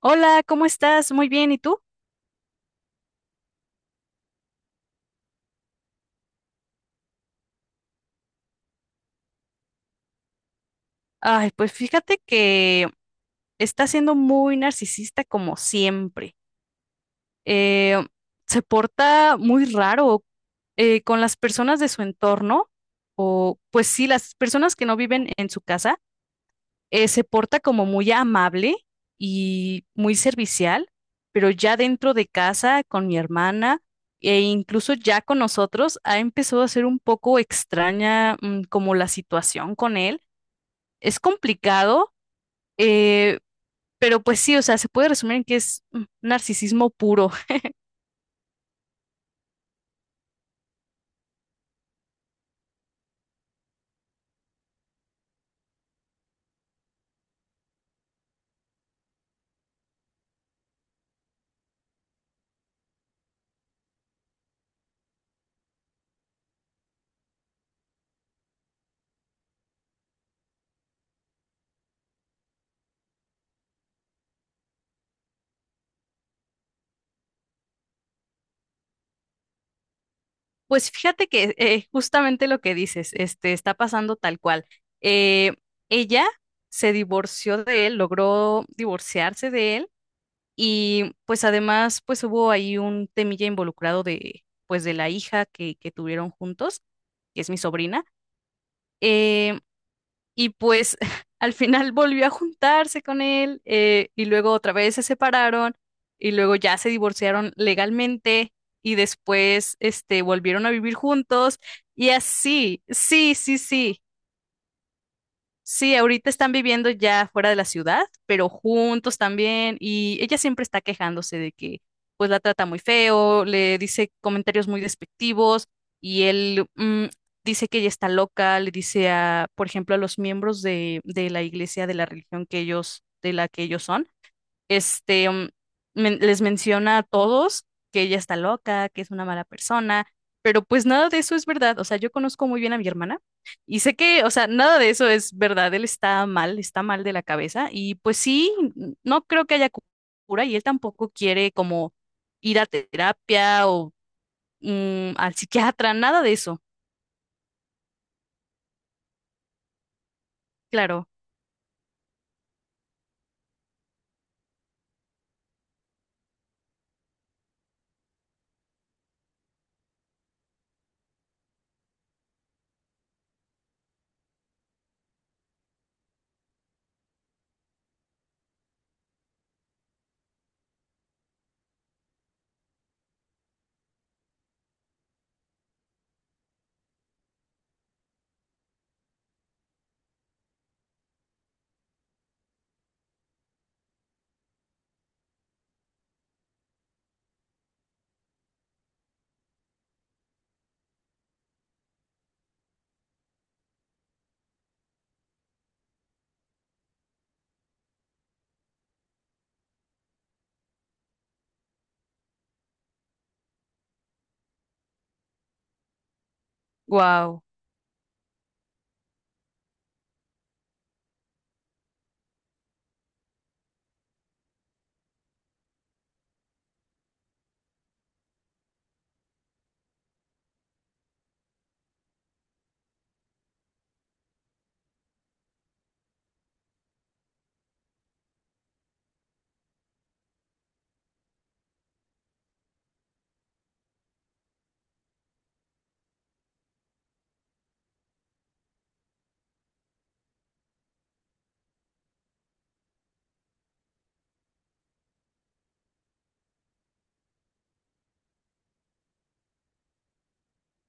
Hola, ¿cómo estás? Muy bien, ¿y tú? Ay, pues fíjate que está siendo muy narcisista como siempre. Eh, Se porta muy raro con las personas de su entorno, o pues sí, las personas que no viven en su casa, se porta como muy amable y muy servicial, pero ya dentro de casa, con mi hermana e incluso ya con nosotros, ha empezado a ser un poco extraña, como la situación con él es complicado, eh, pero pues sí, o sea, se puede resumir en que es narcisismo puro. Pues fíjate que justamente lo que dices, este, está pasando tal cual. Eh, Ella se divorció de él, logró divorciarse de él y pues además pues hubo ahí un temilla involucrado de pues de la hija que tuvieron juntos, que es mi sobrina. Em, Y pues al final volvió a juntarse con él, y luego otra vez se separaron y luego ya se divorciaron legalmente y después este, volvieron a vivir juntos y así, sí, sí, sí. Sí, ahorita están viviendo ya fuera de la ciudad, pero juntos también, y ella siempre está quejándose de que pues la trata muy feo, le dice comentarios muy despectivos, y él dice que ella está loca, le dice a, por ejemplo, a los miembros de la iglesia, de la religión que ellos, de la que ellos son este, les menciona a todos que ella está loca, que es una mala persona, pero pues nada de eso es verdad. O sea, yo conozco muy bien a mi hermana y sé que, o sea, nada de eso es verdad. Él está mal de la cabeza y pues sí, no creo que haya cura y él tampoco quiere como ir a terapia o al psiquiatra, nada de eso. Claro, wow.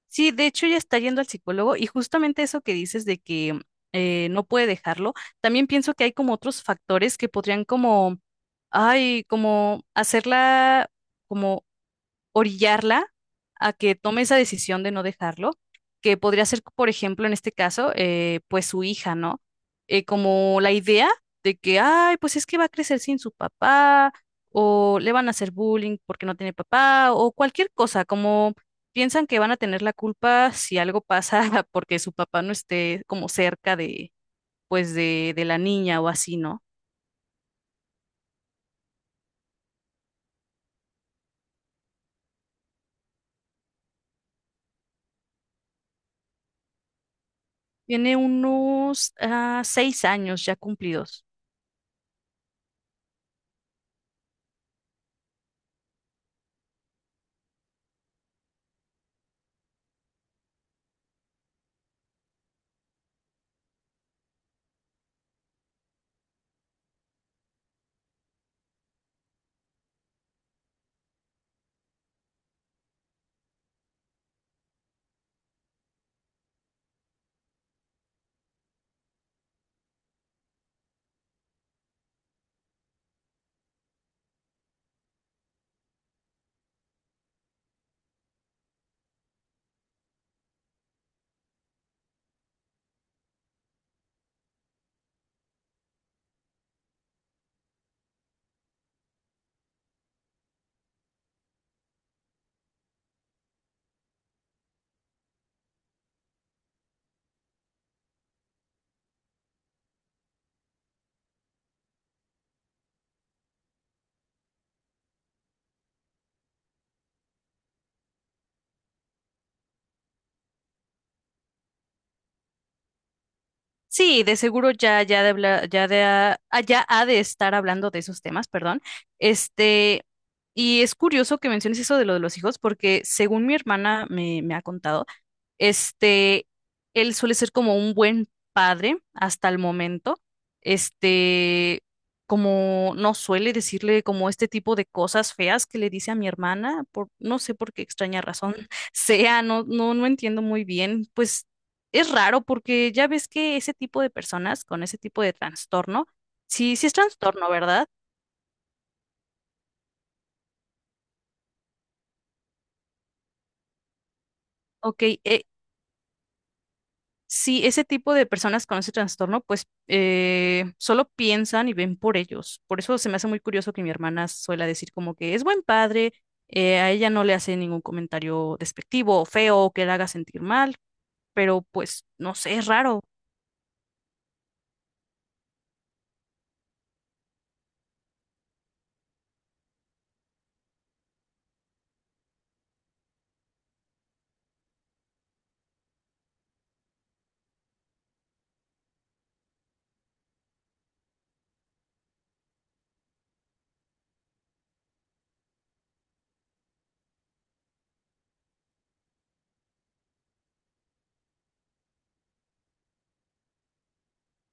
Sí, de hecho ya está yendo al psicólogo y justamente eso que dices de que no puede dejarlo, también pienso que hay como otros factores que podrían como, ay, como hacerla, como orillarla a que tome esa decisión de no dejarlo, que podría ser, por ejemplo, en este caso, pues su hija, ¿no? Como la idea de que, ay, pues es que va a crecer sin su papá, o le van a hacer bullying porque no tiene papá, o cualquier cosa, como piensan que van a tener la culpa si algo pasa porque su papá no esté como cerca de, pues, de la niña o así, ¿no? Tiene unos 6 años ya cumplidos. Sí, de seguro ya, ya de hablar, ya de, ya ha de estar hablando de esos temas, perdón. Este, y es curioso que menciones eso de lo de los hijos, porque según mi hermana me ha contado, este, él suele ser como un buen padre hasta el momento. Este, como no suele decirle como este tipo de cosas feas que le dice a mi hermana, por no sé por qué extraña razón sea, no, no, no entiendo muy bien. Pues es raro porque ya ves que ese tipo de personas con ese tipo de trastorno, sí, sí es trastorno, ¿verdad? Ok, si ese tipo de personas con ese trastorno, pues solo piensan y ven por ellos. Por eso se me hace muy curioso que mi hermana suela decir como que es buen padre, a ella no le hace ningún comentario despectivo o feo o que la haga sentir mal, pero pues no sé, es raro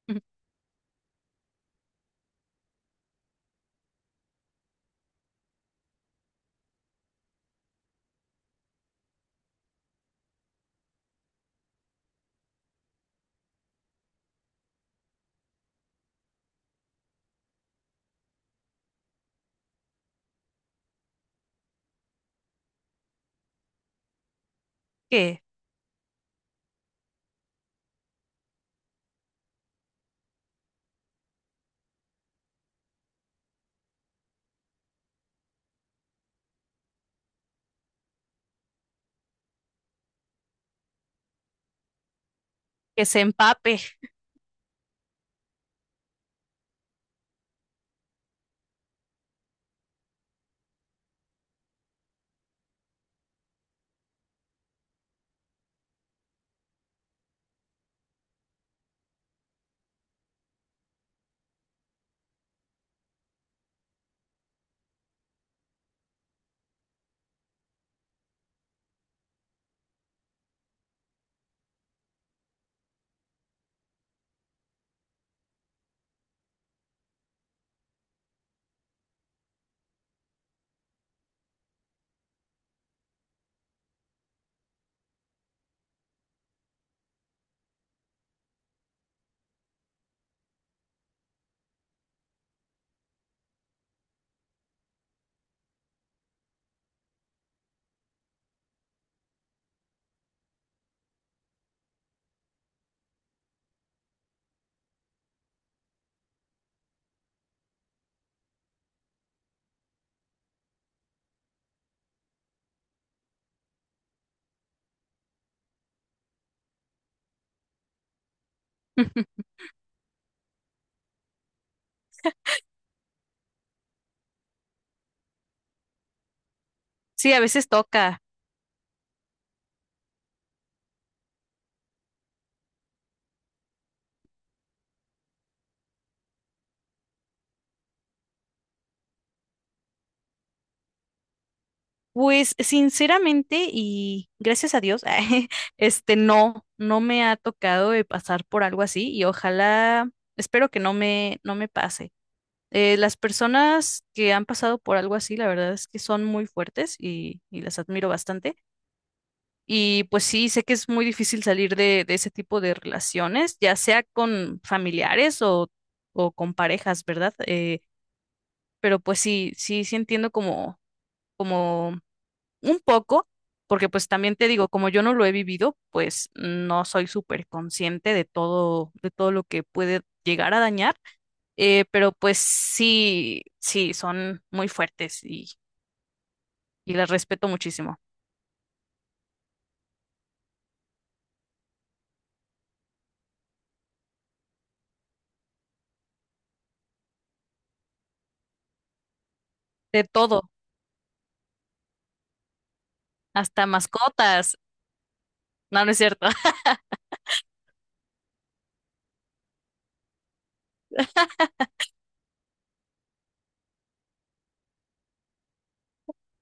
que, que se empape. Sí, a veces toca. Pues sinceramente y gracias a Dios, este no me ha tocado de pasar por algo así y ojalá, espero que no me pase. Las personas que han pasado por algo así, la verdad es que son muy fuertes y las admiro bastante. Y pues sí, sé que es muy difícil salir de ese tipo de relaciones, ya sea con familiares o con parejas, ¿verdad? Pero pues sí, sí, sí entiendo como un poco, porque pues también te digo, como yo no lo he vivido, pues no soy súper consciente de todo lo que puede llegar a dañar. Pero pues sí, sí, son muy fuertes y las respeto muchísimo. De todo, hasta mascotas. No, no es cierto.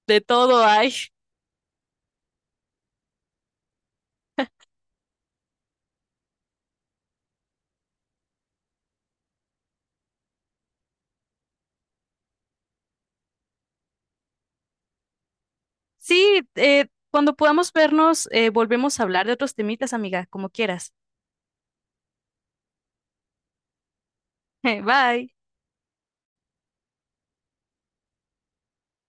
De todo hay. Sí, cuando podamos vernos, volvemos a hablar de otros temitas, amiga, como quieras. Bye.